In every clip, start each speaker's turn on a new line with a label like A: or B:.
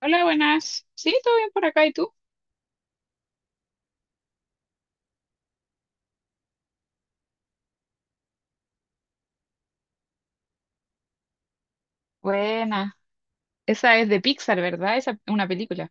A: Hola, buenas. Sí, todo bien por acá, ¿y tú? Buena. Esa es de Pixar, ¿verdad? Esa es una película.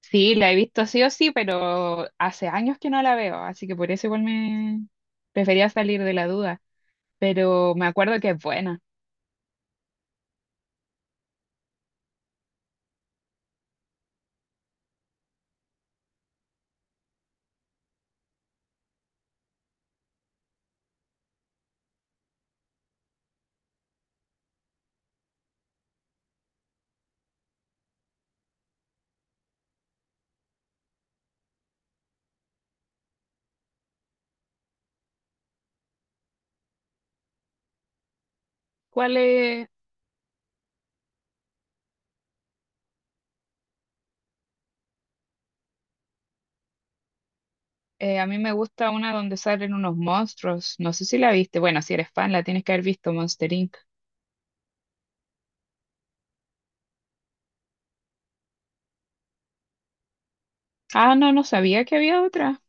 A: Sí, la he visto sí o sí, pero hace años que no la veo, así que por eso igual me prefería salir de la duda. Pero me acuerdo que es buena. ¿Cuál es? A mí me gusta una donde salen unos monstruos. No sé si la viste. Bueno, si eres fan, la tienes que haber visto, Monster Inc. Ah, no, no sabía que había otra.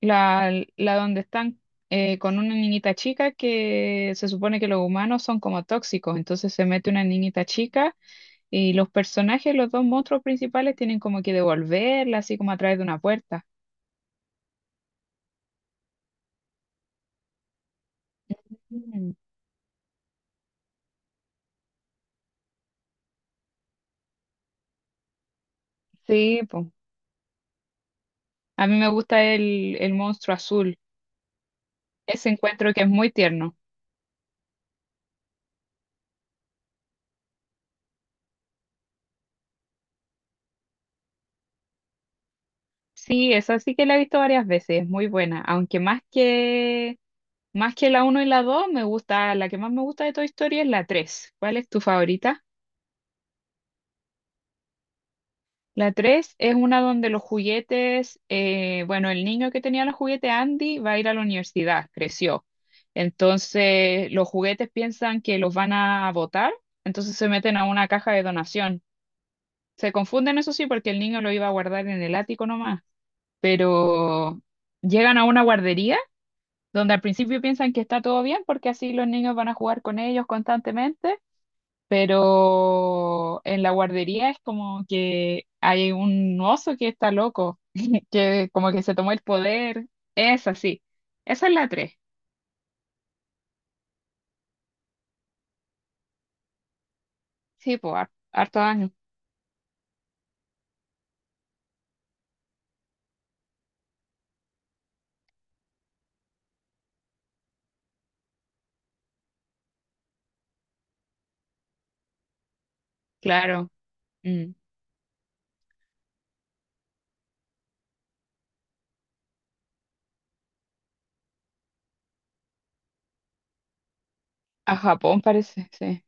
A: La donde están con una niñita chica que se supone que los humanos son como tóxicos, entonces se mete una niñita chica y los personajes, los dos monstruos principales tienen como que devolverla, así como a través de una puerta. Mm. Sí, po. A mí me gusta el monstruo azul, ese encuentro que es muy tierno. Sí, esa sí que la he visto varias veces, es muy buena, aunque más que la uno y la 2 me gusta, la que más me gusta de Toy Story es la tres. ¿Cuál es tu favorita? La 3 es una donde los juguetes, bueno, el niño que tenía los juguetes Andy va a ir a la universidad, creció. Entonces, los juguetes piensan que los van a botar, entonces se meten a una caja de donación. Se confunden, eso sí, porque el niño lo iba a guardar en el ático nomás, pero llegan a una guardería donde al principio piensan que está todo bien porque así los niños van a jugar con ellos constantemente, pero en la guardería es como que hay un oso que está loco, que como que se tomó el poder. Es así. Esa es la tres. Sí, pues, harto años. Claro. Mm. A Japón parece, sí.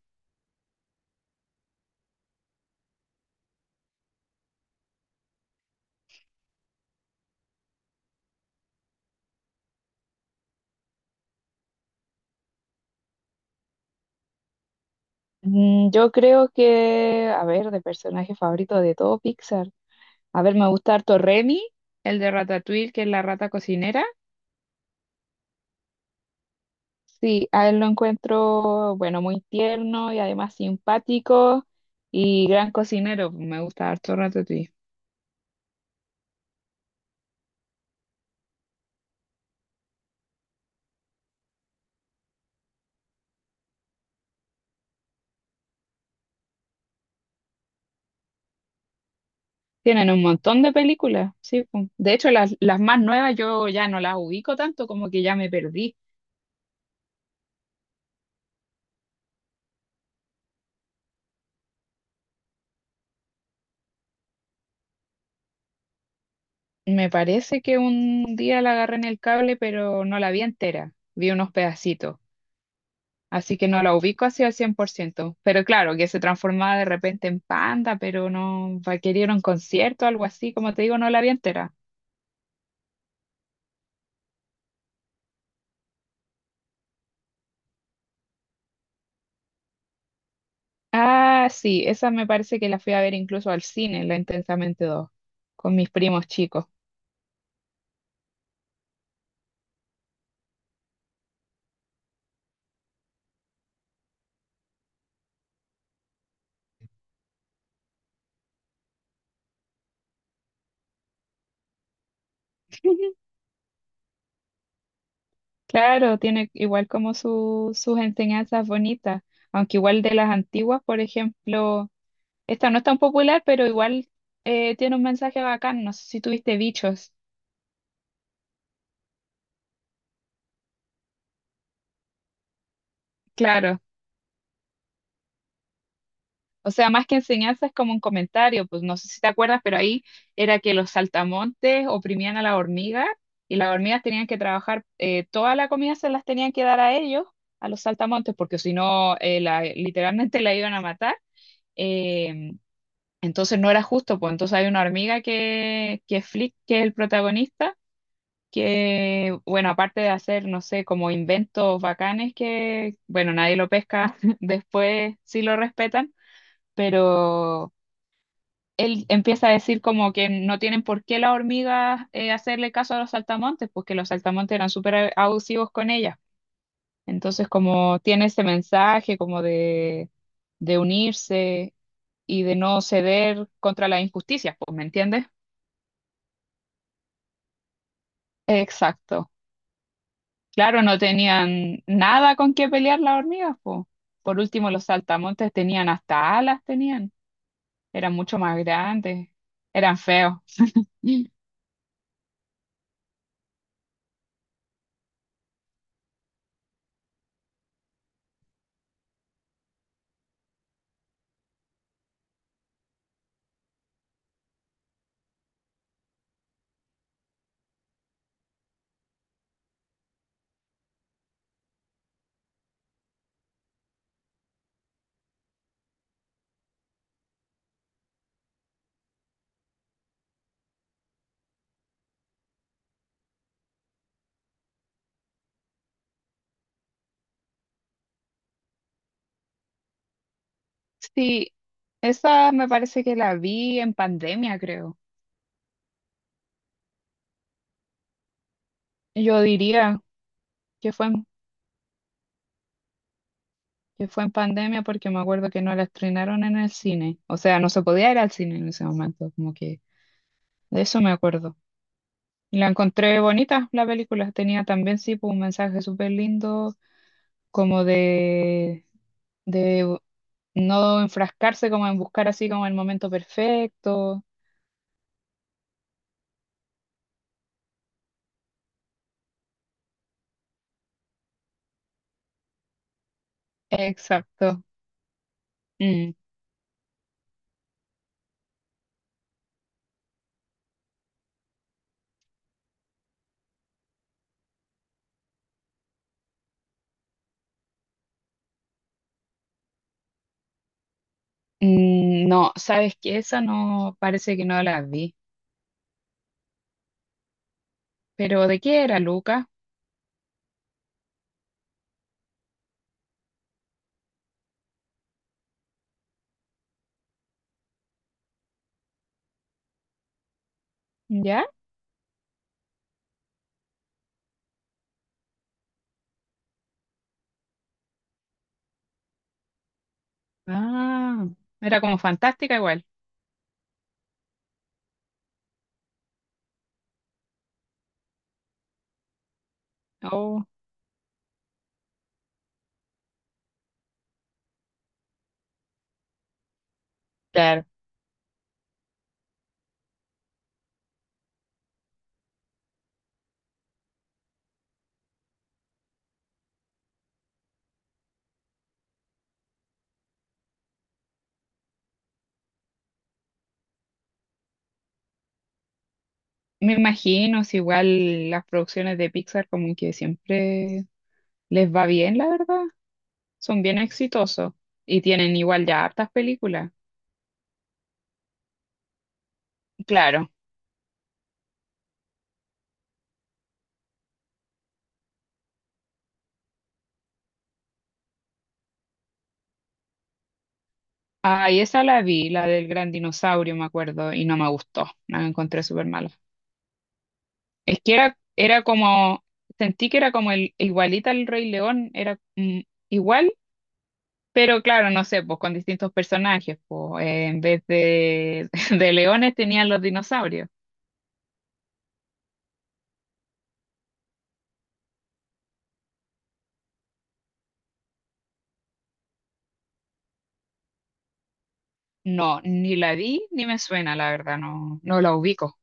A: Yo creo que, a ver, de personaje favorito de todo Pixar. A ver, me gusta harto Remy, el de Ratatouille, que es la rata cocinera. Sí, a él lo encuentro, bueno, muy tierno y además simpático y gran cocinero. Me gusta harto Ratatouille. Tienen un montón de películas, sí, po. De hecho, las más nuevas yo ya no las ubico tanto, como que ya me perdí. Me parece que un día la agarré en el cable, pero no la vi entera. Vi unos pedacitos. Así que no la ubico así al 100%. Pero claro, que se transformaba de repente en panda, pero no, requerir un concierto, algo así. Como te digo, no la vi entera. Ah, sí, esa me parece que la fui a ver incluso al cine, la Intensamente dos, con mis primos chicos. Claro, tiene igual como sus enseñanzas bonitas, aunque igual de las antiguas, por ejemplo, esta no es tan popular, pero igual tiene un mensaje bacán, no sé si tuviste bichos, claro. O sea, más que enseñanza es como un comentario, pues no sé si te acuerdas, pero ahí era que los saltamontes oprimían a la hormiga y las hormigas tenían que trabajar, toda la comida se las tenían que dar a ellos, a los saltamontes, porque si no, literalmente la iban a matar. eh, entonces no era justo, pues entonces hay una hormiga que Flick, que es el protagonista, que, bueno, aparte de hacer, no sé, como inventos bacanes que, bueno, nadie lo pesca, después sí lo respetan, pero él empieza a decir como que no tienen por qué las hormigas hacerle caso a los saltamontes, porque los saltamontes eran súper abusivos con ellas. Entonces, como tiene ese mensaje como de unirse y de no ceder contra las injusticias, pues, ¿me entiendes? Exacto. Claro, no tenían nada con qué pelear las hormigas, pues. Por último, los saltamontes tenían hasta alas, tenían. Eran mucho más grandes, eran feos. Sí, esa me parece que la vi en pandemia, creo. Yo diría que fue en, que fue en pandemia porque me acuerdo que no la estrenaron en el cine. O sea, no se podía ir al cine en ese momento, como que de eso me acuerdo. Y la encontré bonita la película, tenía también sí pues, un mensaje súper lindo, como de no enfrascarse, como en buscar así como el momento perfecto. Exacto. Mm. No, ¿sabes qué? Esa no, parece que no la vi. ¿Pero de qué era, Luca? ¿Ya? Ah, era como fantástica igual. Oh, claro. Me imagino, si igual las producciones de Pixar como que siempre les va bien, la verdad. Son bien exitosos y tienen igual ya hartas películas. Claro. Ah, y esa la vi, la del gran dinosaurio, me acuerdo, y no me gustó. La encontré súper mala. Es que era como, sentí que era como el, igualita al Rey León, era igual. Pero claro, no sé, pues con distintos personajes, pues en vez de, de leones tenían los dinosaurios. No, ni la vi ni me suena, la verdad, no, no la ubico.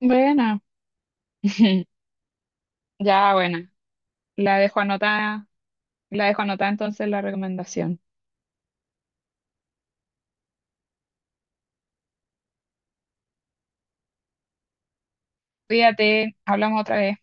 A: Buena, ya buena. La dejo anotada, la dejo anotada entonces la recomendación. Cuídate, hablamos otra vez.